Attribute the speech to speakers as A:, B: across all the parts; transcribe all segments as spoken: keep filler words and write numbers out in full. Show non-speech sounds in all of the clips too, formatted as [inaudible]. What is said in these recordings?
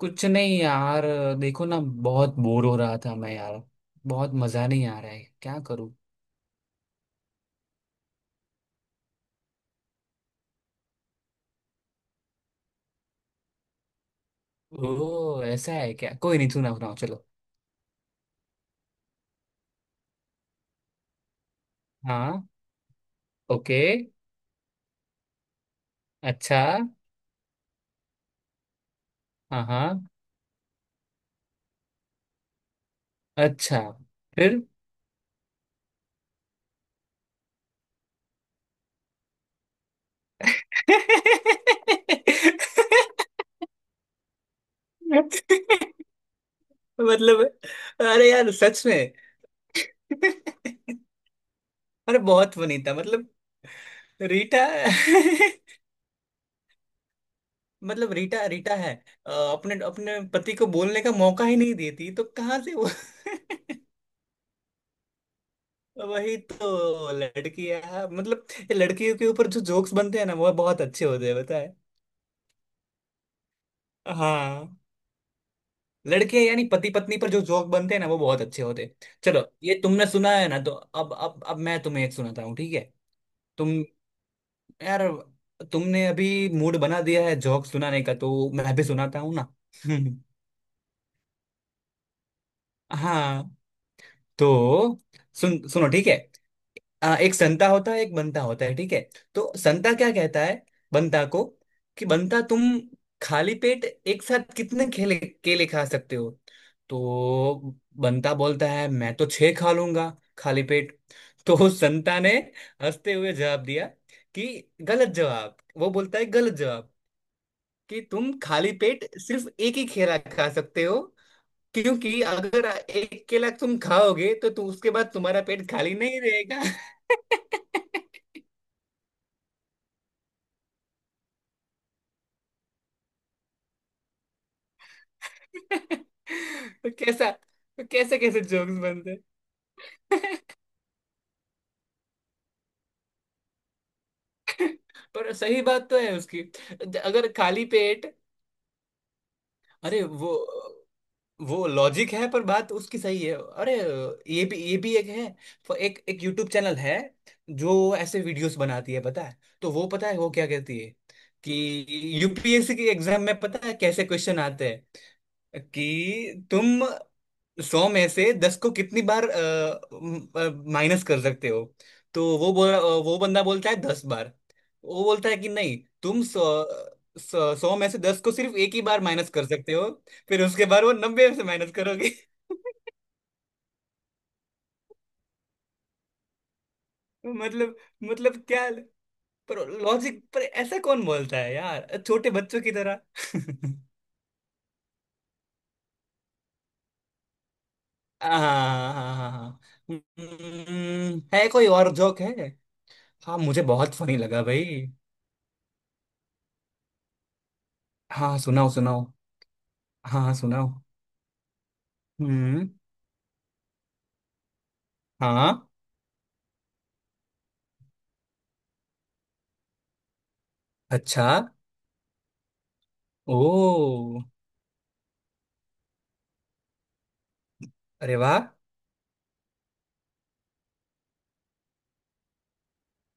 A: कुछ नहीं यार। देखो ना, बहुत बोर हो रहा था मैं यार। बहुत मजा नहीं आ रहा है, क्या करूं। ओ ऐसा है क्या? कोई नहीं, सुनाओ सुनाओ चलो। हाँ। ओके। अच्छा। हाँ हाँ। अच्छा। फिर? [laughs] मतलब, अरे यार सच में। [laughs] अरे बहुत फनी था मतलब। रीटा। [laughs] मतलब रीटा रीटा है। अ, अपने अपने पति को बोलने का मौका ही नहीं देती, तो कहाँ से वो [laughs] वही तो लड़की है मतलब। ये लड़कियों के ऊपर जो जोक्स बनते हैं ना, वो बहुत अच्छे होते हैं पता है। हाँ। लड़के यानी पति पत्नी पर जो जोक बनते हैं ना, वो बहुत अच्छे होते हैं। चलो, ये तुमने सुना है ना, तो अब अब अब मैं तुम्हें एक सुनाता हूँ, ठीक है। तुम यार, तुमने अभी मूड बना दिया है जोक सुनाने का, तो मैं भी सुनाता हूँ ना [laughs] हाँ। तो सुन सुनो ठीक है। आ, एक संता होता है एक बंता होता है ठीक है। तो संता क्या कहता है बंता को? कि बंता, तुम खाली पेट एक साथ कितने केले केले खा सकते हो? तो बंता बोलता है मैं तो छह खा लूंगा। खाली पेट [laughs] तो संता ने हंसते हुए जवाब दिया कि गलत जवाब। वो बोलता है गलत जवाब, कि तुम खाली पेट सिर्फ एक ही केला खा सकते हो। क्योंकि अगर एक केला तुम खाओगे तो तू उसके बाद तुम्हारा पेट खाली नहीं रहेगा [laughs] तो कैसा तो कैसे कैसे जोक्स बनते हैं? [laughs] पर सही बात तो है उसकी। ज- अगर खाली पेट, अरे वो वो लॉजिक है, पर बात उसकी सही है। अरे ये भी ये भी एक है। फ- एक एक यूट्यूब चैनल है जो ऐसे वीडियोस बनाती है पता है। तो वो पता है वो क्या कहती है कि यूपीएससी की एग्जाम में पता है कैसे क्वेश्चन आते हैं? कि तुम सौ में से दस को कितनी बार माइनस कर सकते हो? तो वो बोल वो बंदा बोलता है दस बार। वो बोलता है कि नहीं, तुम सौ सौ सौ में से दस को सिर्फ एक ही बार माइनस कर सकते हो। फिर उसके बाद वो नब्बे से माइनस करोगे [laughs] मतलब मतलब क्या, पर लॉजिक, पर ऐसा कौन बोलता है यार, छोटे बच्चों की तरह [laughs] हाँ हाँ हाँ हाँ। हम्म, है कोई और जोक है? हाँ मुझे बहुत फनी लगा भाई। हाँ सुनाओ सुनाओ। हाँ हाँ, सुनाओ। हम्म। हाँ। अच्छा। ओ। अरे वाह।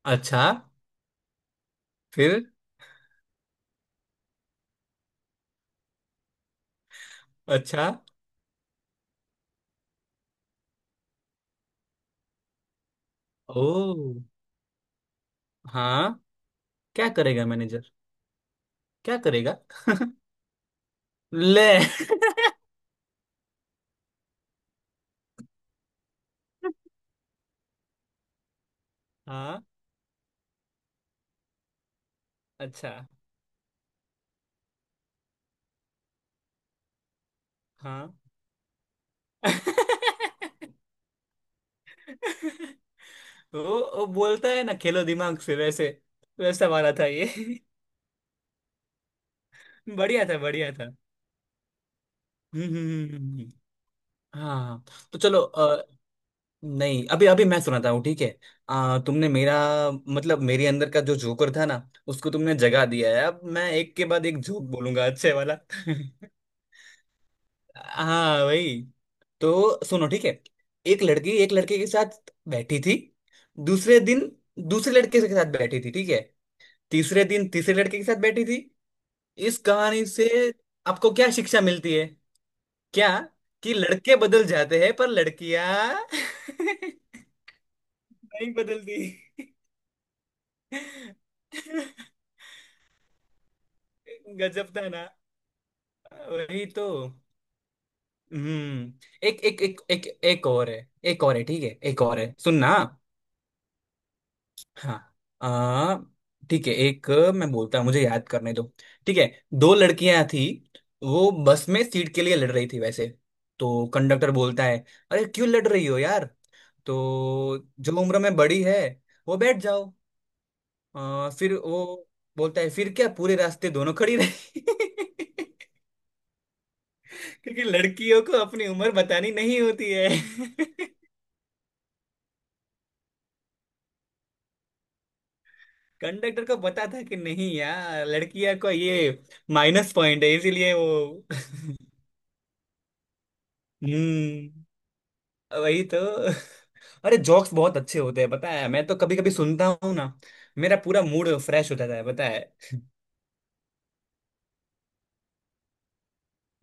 A: अच्छा। फिर? अच्छा। ओ। हाँ। क्या करेगा मैनेजर? क्या करेगा? ले। हाँ। अच्छा। हाँ। [laughs] वो, वो बोलता है ना, खेलो दिमाग से वैसे। वैसा वाला था ये। [laughs] बढ़िया था बढ़िया था। हम्म हम्म, हम्म, हम्म। हम्म। हाँ हाँ। तो चलो, नहीं अभी अभी मैं सुनाता हूँ ठीक है। आ, तुमने मेरा मतलब मेरे अंदर का जो जोकर था ना, उसको तुमने जगा दिया है। अब मैं एक के बाद एक जोक बोलूंगा अच्छे वाला [laughs] हाँ भाई। तो सुनो ठीक है। एक लड़की एक लड़के के साथ बैठी थी। दूसरे दिन दूसरे लड़के के साथ बैठी थी ठीक है। तीसरे दिन तीसरे लड़के के साथ बैठी थी। इस कहानी से आपको क्या शिक्षा मिलती है? क्या? कि लड़के बदल जाते हैं पर लड़कियां [laughs] नहीं बदलती [laughs] गजब था ना। वही तो। हम्म। एक एक एक एक एक और है। एक और है ठीक है, एक और है सुनना। हाँ। आ ठीक है एक। मैं बोलता हूँ, मुझे याद करने दो ठीक है। दो लड़कियां थी। वो बस में सीट के लिए लड़ रही थी वैसे। तो कंडक्टर बोलता है, अरे क्यों लड़ रही हो यार? तो जो उम्र में बड़ी है, वो बैठ जाओ। आ, फिर वो बोलता है, फिर क्या, पूरे रास्ते दोनों खड़ी रही [laughs] क्योंकि लड़कियों को अपनी उम्र बतानी नहीं होती है [laughs] कंडक्टर को पता था कि नहीं यार, लड़कियां को ये माइनस पॉइंट है, इसीलिए वो [laughs] हम्म। वही तो। अरे जोक्स बहुत अच्छे होते हैं पता है, मैं तो कभी कभी सुनता हूँ ना, मेरा पूरा मूड फ्रेश हो जाता है पता है।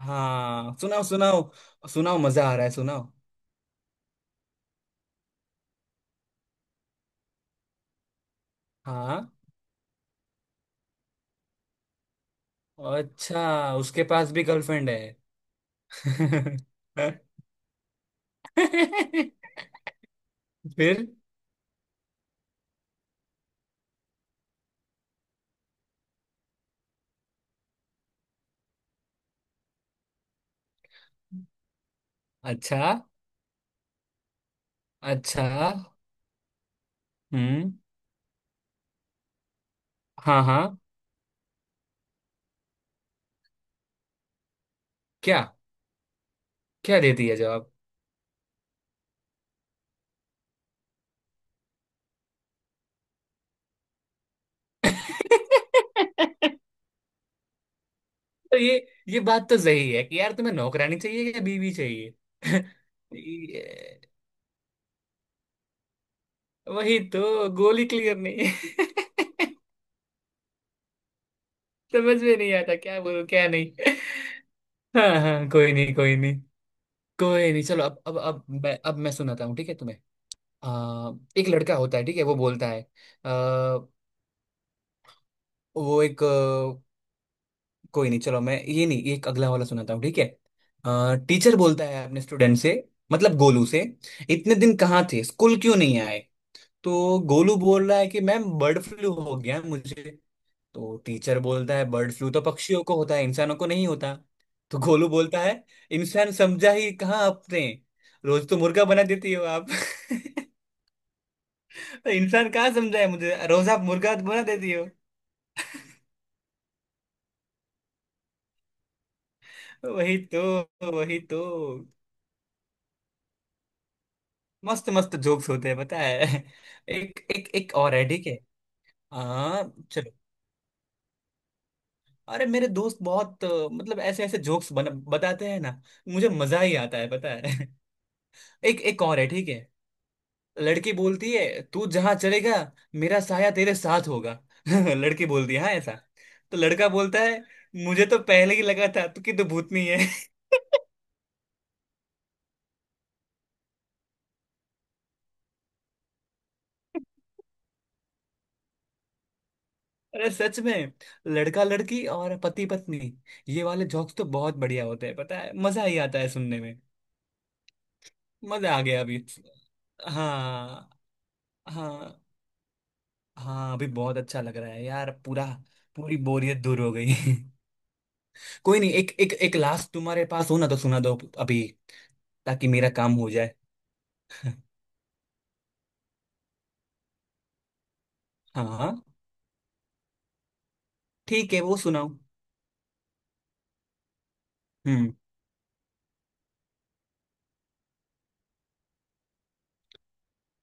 A: हाँ सुनाओ सुनाओ। सुनाओ मजा आ रहा है सुनाओ। हाँ। अच्छा उसके पास भी गर्लफ्रेंड है? [laughs] फिर? अच्छा। अच्छा। हम्म। हाँ हाँ। क्या? क्या दे दिया जवाब? [laughs] तो ये ये बात तो सही है कि यार, तुम्हें नौकरानी चाहिए या बीवी चाहिए? [laughs] ये- वही तो गोली क्लियर नहीं है। [laughs] समझ में नहीं आता क्या बोलूं क्या नहीं [laughs] हाँ हाँ, कोई नहीं कोई नहीं। कोई नहीं चलो, अब अब अब मैं अब मैं सुनाता हूँ ठीक है तुम्हें। आ, एक लड़का होता है ठीक है, वो बोलता है आ, वो एक कोई नहीं, चलो मैं ये नहीं, एक अगला वाला सुनाता हूँ ठीक है। टीचर बोलता है अपने स्टूडेंट से, मतलब गोलू से, इतने दिन कहाँ थे, स्कूल क्यों नहीं आए? तो गोलू बोल रहा है कि मैम, बर्ड फ्लू हो गया मुझे। तो टीचर बोलता है, बर्ड फ्लू तो पक्षियों को होता है, इंसानों को नहीं होता। तो गोलू बोलता है, इंसान समझा ही कहाँ आपने, रोज तो मुर्गा बना देती हो आप [laughs] तो इंसान कहाँ समझा है मुझे, रोज आप मुर्गा बना देती हो। वही तो, वही तो। मस्त मस्त जोक्स होते हैं पता है। [laughs] एक एक एक और है ठीक है। हाँ चलो। अरे मेरे दोस्त बहुत अ, मतलब ऐसे ऐसे जोक्स बन बताते हैं ना, मुझे मजा ही आता है पता है। [laughs] एक एक और है ठीक है। लड़की बोलती है, तू जहां चलेगा, मेरा साया तेरे साथ होगा [laughs] लड़की बोलती है हाँ ऐसा। तो लड़का बोलता है, मुझे तो पहले ही लगा था तू कि तू भूतनी है [laughs] अरे सच में, लड़का लड़की और पति पत्नी, ये वाले जोक्स तो बहुत बढ़िया होते हैं पता है, मजा ही आता है सुनने। मजा आ गया अभी। हाँ। हाँ हाँ अभी बहुत अच्छा लग रहा है यार, पूरा पूरी बोरियत दूर हो गई [laughs] कोई नहीं, एक एक एक लास्ट तुम्हारे पास हो ना, तो सुना दो अभी ताकि मेरा काम हो जाए। हाँ हाँ ठीक है वो सुनाओ। हम्म।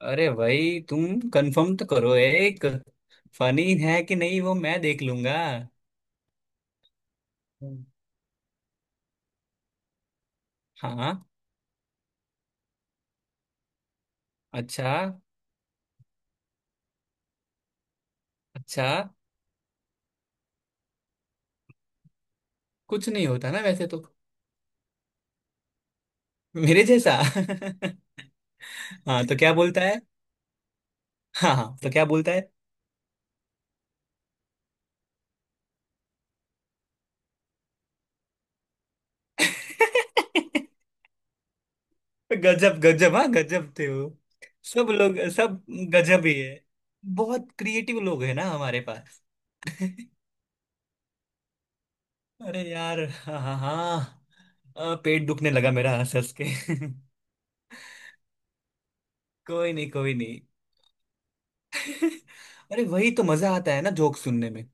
A: अरे भाई तुम कंफर्म तो करो, एक फनी है कि नहीं वो मैं देख लूंगा। हम्म। हाँ। अच्छा। अच्छा। कुछ नहीं होता ना वैसे तो। मेरे जैसा [laughs] हाँ तो क्या बोलता है? हाँ हाँ तो क्या बोलता है? [laughs] गजब गजब, हाँ गजब थे वो सब लोग, सब गजब ही है। बहुत क्रिएटिव लोग है ना हमारे पास। अरे यार हाँ हाँ हाँ, अ, पेट दुखने लगा मेरा हंस हंस के [laughs] कोई नहीं कोई नहीं। [laughs] अरे वही तो मजा आता है ना जोक सुनने में।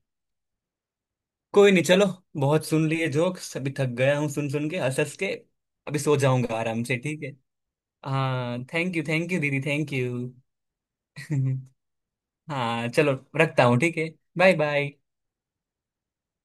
A: कोई नहीं चलो, बहुत सुन लिए जोक्स, अभी थक गया हूँ सुन सुन के हंस हंस के। अभी सो जाऊंगा आराम से ठीक है। हाँ थैंक यू थैंक यू दीदी थैंक यू। [laughs] हाँ चलो, रखता हूँ ठीक है। Bye bye.